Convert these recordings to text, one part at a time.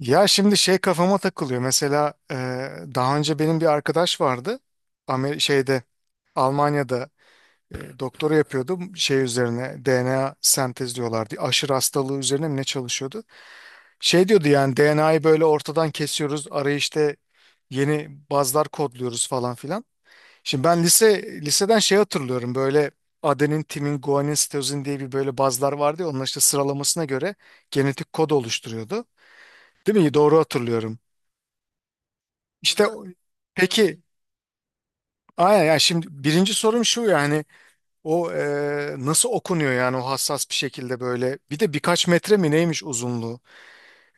Ya şimdi şey kafama takılıyor. Mesela daha önce benim bir arkadaş vardı. Amer şeyde Almanya'da doktora yapıyordu. Şey üzerine DNA sentezliyorlardı. Aşırı hastalığı üzerine mi ne çalışıyordu? Şey diyordu yani DNA'yı böyle ortadan kesiyoruz. Araya işte yeni bazlar kodluyoruz falan filan. Şimdi ben liseden şey hatırlıyorum, böyle adenin, timin, guanin, sitozin diye bir böyle bazlar vardı ya, onlar işte sıralamasına göre genetik kod oluşturuyordu. Değil mi? Doğru hatırlıyorum. İşte o- peki, aynen yani. Şimdi birinci sorum şu yani, o nasıl okunuyor yani, o hassas bir şekilde böyle, bir de birkaç metre mi neymiş uzunluğu.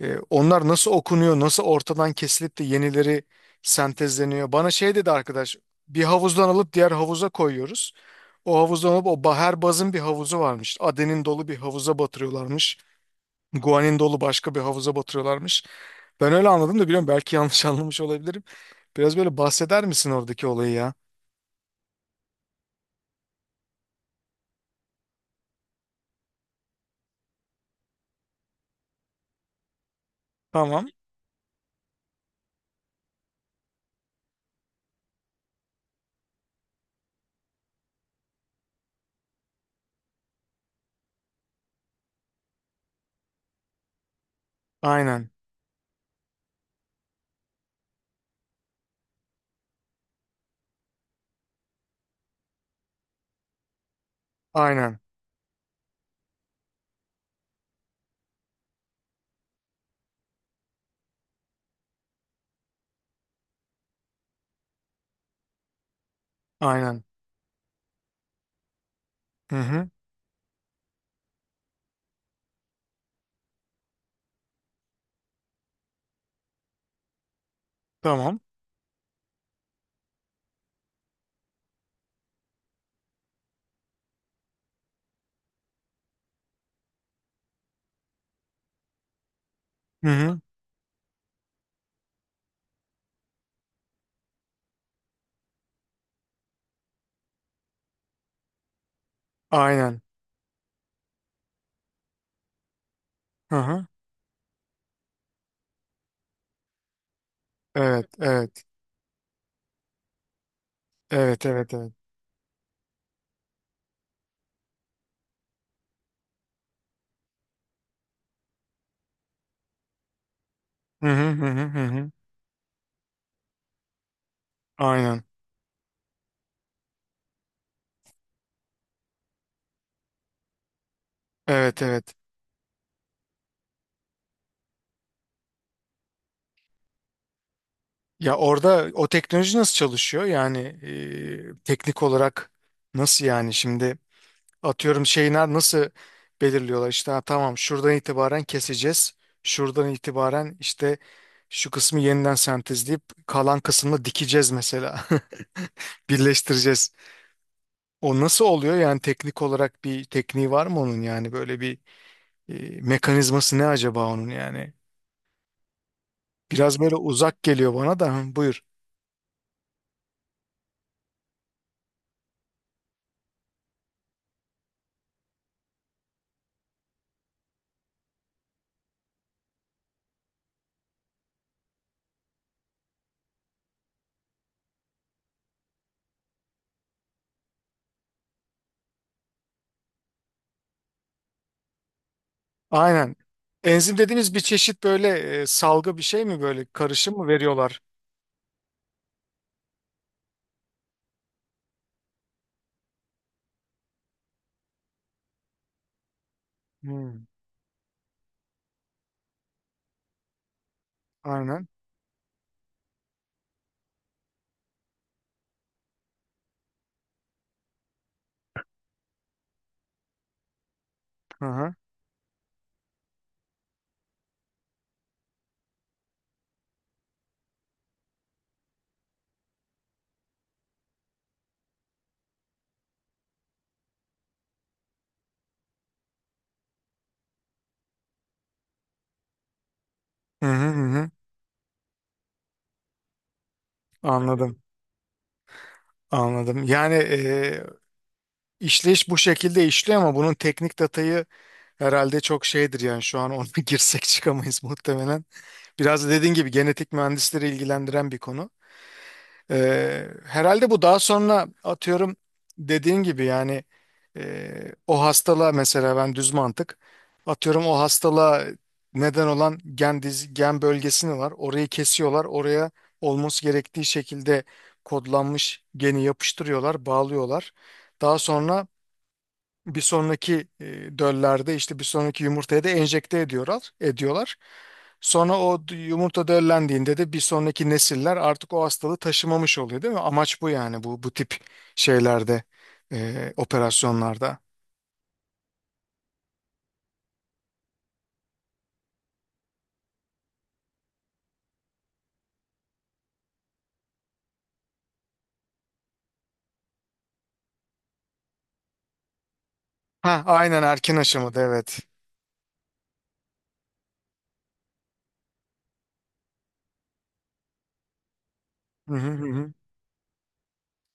Onlar nasıl okunuyor, nasıl ortadan kesilip de yenileri sentezleniyor? Bana şey dedi arkadaş, bir havuzdan alıp diğer havuza koyuyoruz, o havuzdan alıp o her bazın bir havuzu varmış, adenin dolu bir havuza batırıyorlarmış, guanin dolu başka bir havuza batırıyorlarmış. Ben öyle anladım da, biliyorum, belki yanlış anlamış olabilirim. Biraz böyle bahseder misin oradaki olayı ya? Tamam. Aynen. Aynen. Aynen. Hı hı. Tamam. Hı hı. Aynen. Hı hı. Evet, evet. Evet, evet, evet. Hı hı hı hı hı. Hı. Aynen. Evet, evet. Ya orada o teknoloji nasıl çalışıyor? Yani teknik olarak nasıl yani şimdi? Atıyorum, şeyler nasıl belirliyorlar işte, ha, tamam, şuradan itibaren keseceğiz. Şuradan itibaren işte şu kısmı yeniden sentezleyip kalan kısmını dikeceğiz mesela. Birleştireceğiz. O nasıl oluyor yani, teknik olarak bir tekniği var mı onun, yani böyle bir mekanizması ne acaba onun yani? Biraz böyle uzak geliyor bana da. Hı, buyur. Aynen. Enzim dediğimiz bir çeşit böyle salgı bir şey mi, böyle karışım mı veriyorlar? Hmm. Aynen. Hı hı. Hı hı hı. Anladım, anladım. Yani işleyiş bu şekilde işliyor ama bunun teknik datayı herhalde çok şeydir yani, şu an ona girsek çıkamayız muhtemelen. Biraz da dediğin gibi genetik mühendisleri ilgilendiren bir konu. Herhalde bu daha sonra, atıyorum, dediğin gibi yani, e, o hastalığa mesela, ben düz mantık atıyorum, o hastalığa neden olan gen bölgesini var. Orayı kesiyorlar. Oraya olması gerektiği şekilde kodlanmış geni yapıştırıyorlar, bağlıyorlar. Daha sonra bir sonraki döllerde, işte bir sonraki yumurtaya da enjekte ediyorlar. Sonra yumurta döllendiğinde de bir sonraki nesiller artık o hastalığı taşımamış oluyor, değil mi? Amaç bu yani, bu tip şeylerde, operasyonlarda. Ha aynen, erken aşamada, evet. Hı hı hı. Hı.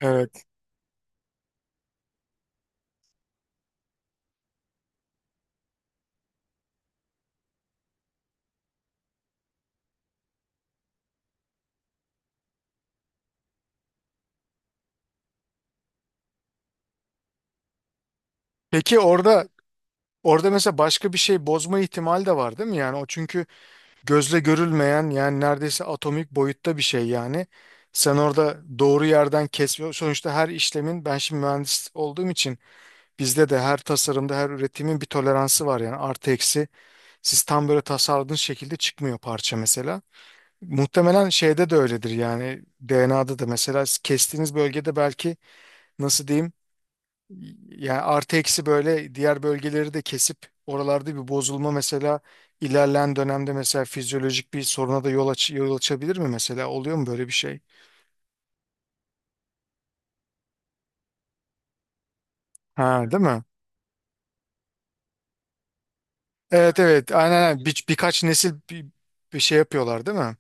Evet. Peki orada mesela başka bir şey bozma ihtimali de var, değil mi? Yani o çünkü gözle görülmeyen, yani neredeyse atomik boyutta bir şey yani. Sen orada doğru yerden kesme sonuçta, her işlemin, ben şimdi mühendis olduğum için bizde de her tasarımda her üretimin bir toleransı var yani, artı eksi siz tam böyle tasarladığınız şekilde çıkmıyor parça mesela. Muhtemelen şeyde de öyledir yani, DNA'da da mesela kestiğiniz bölgede belki, nasıl diyeyim yani, artı eksi böyle diğer bölgeleri de kesip oralarda bir bozulma, mesela ilerleyen dönemde mesela fizyolojik bir soruna da yol açabilir mi mesela? Oluyor mu böyle bir şey? Ha, değil mi? Evet evet, aynen aynen. Birkaç nesil bir şey yapıyorlar değil mi?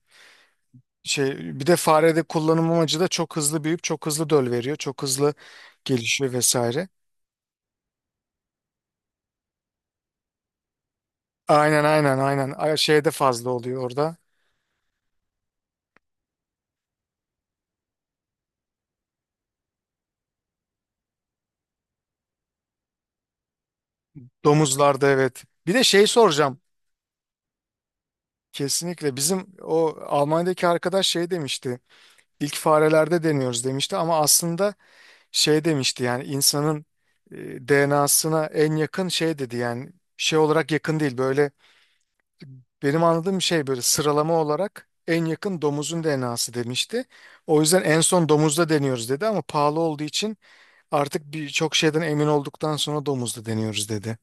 Şey, bir de farede kullanım amacı da, çok hızlı büyüyüp çok hızlı döl veriyor. Çok hızlı gelişiyor vesaire. Aynen aynen aynen. Şeyde fazla oluyor orada. Domuzlarda, evet. Bir de şey soracağım. Kesinlikle, bizim o Almanya'daki arkadaş şey demişti, ilk farelerde deniyoruz demişti ama aslında şey demişti yani, insanın DNA'sına en yakın şey dedi, yani şey olarak yakın değil, böyle benim anladığım şey, böyle sıralama olarak en yakın domuzun DNA'sı demişti. O yüzden en son domuzda deniyoruz dedi, ama pahalı olduğu için artık birçok şeyden emin olduktan sonra domuzda deniyoruz dedi.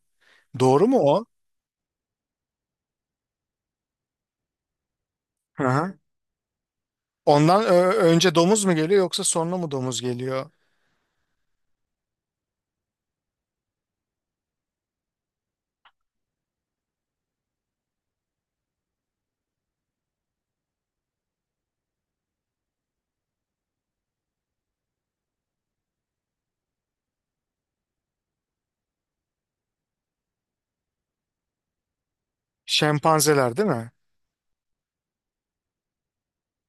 Doğru mu o? Hı hı. Ondan önce domuz mu geliyor, yoksa sonra mı domuz geliyor? Şempanzeler, değil mi?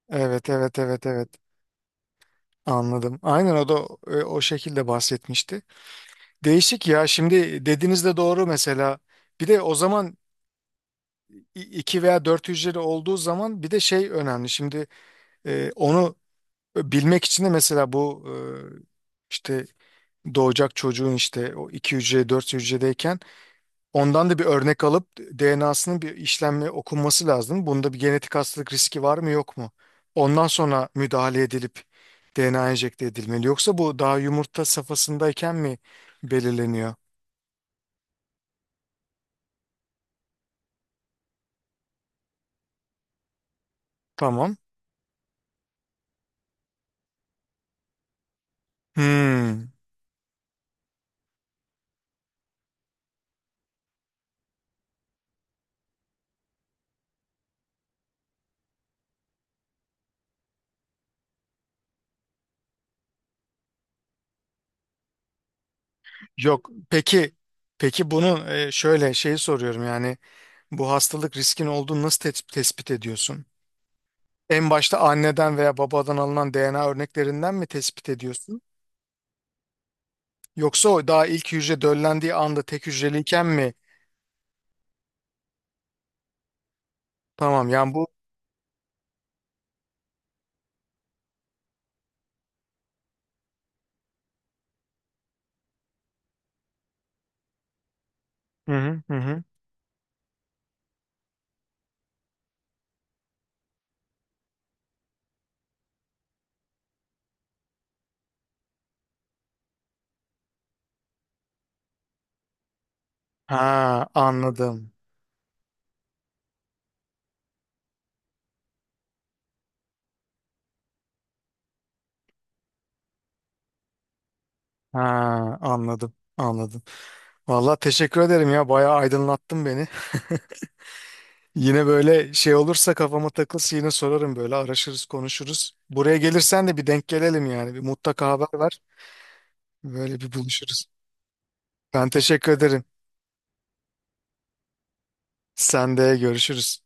Evet evet evet evet, anladım. Aynen, o da o şekilde bahsetmişti. Değişik ya, şimdi dediğiniz de doğru mesela. Bir de o zaman iki veya dört hücreli olduğu zaman bir de şey önemli. Şimdi onu bilmek için de mesela, bu işte doğacak çocuğun, işte o iki hücre, dört hücredeyken ondan da bir örnek alıp DNA'sının bir işlemle okunması lazım. Bunda bir genetik hastalık riski var mı yok mu? Ondan sonra müdahale edilip DNA enjekte edilmeli. Yoksa bu daha yumurta safhasındayken mi belirleniyor? Tamam. Hmm, yok. Peki, peki bunu şöyle, şeyi soruyorum yani, bu hastalık riskin olduğunu nasıl tespit ediyorsun? En başta anneden veya babadan alınan DNA örneklerinden mi tespit ediyorsun? Yoksa o daha ilk hücre döllendiği anda tek hücreliyken mi? Tamam yani bu. Hı hı hı. Hı. Ha anladım. Ha anladım. Anladım. Vallahi teşekkür ederim ya. Bayağı aydınlattın beni. Yine böyle şey olursa, kafama takılsa yine sorarım, böyle araşırız, konuşuruz. Buraya gelirsen de bir denk gelelim yani. Bir mutlaka haber ver. Böyle bir buluşuruz. Ben teşekkür ederim. Sen de görüşürüz.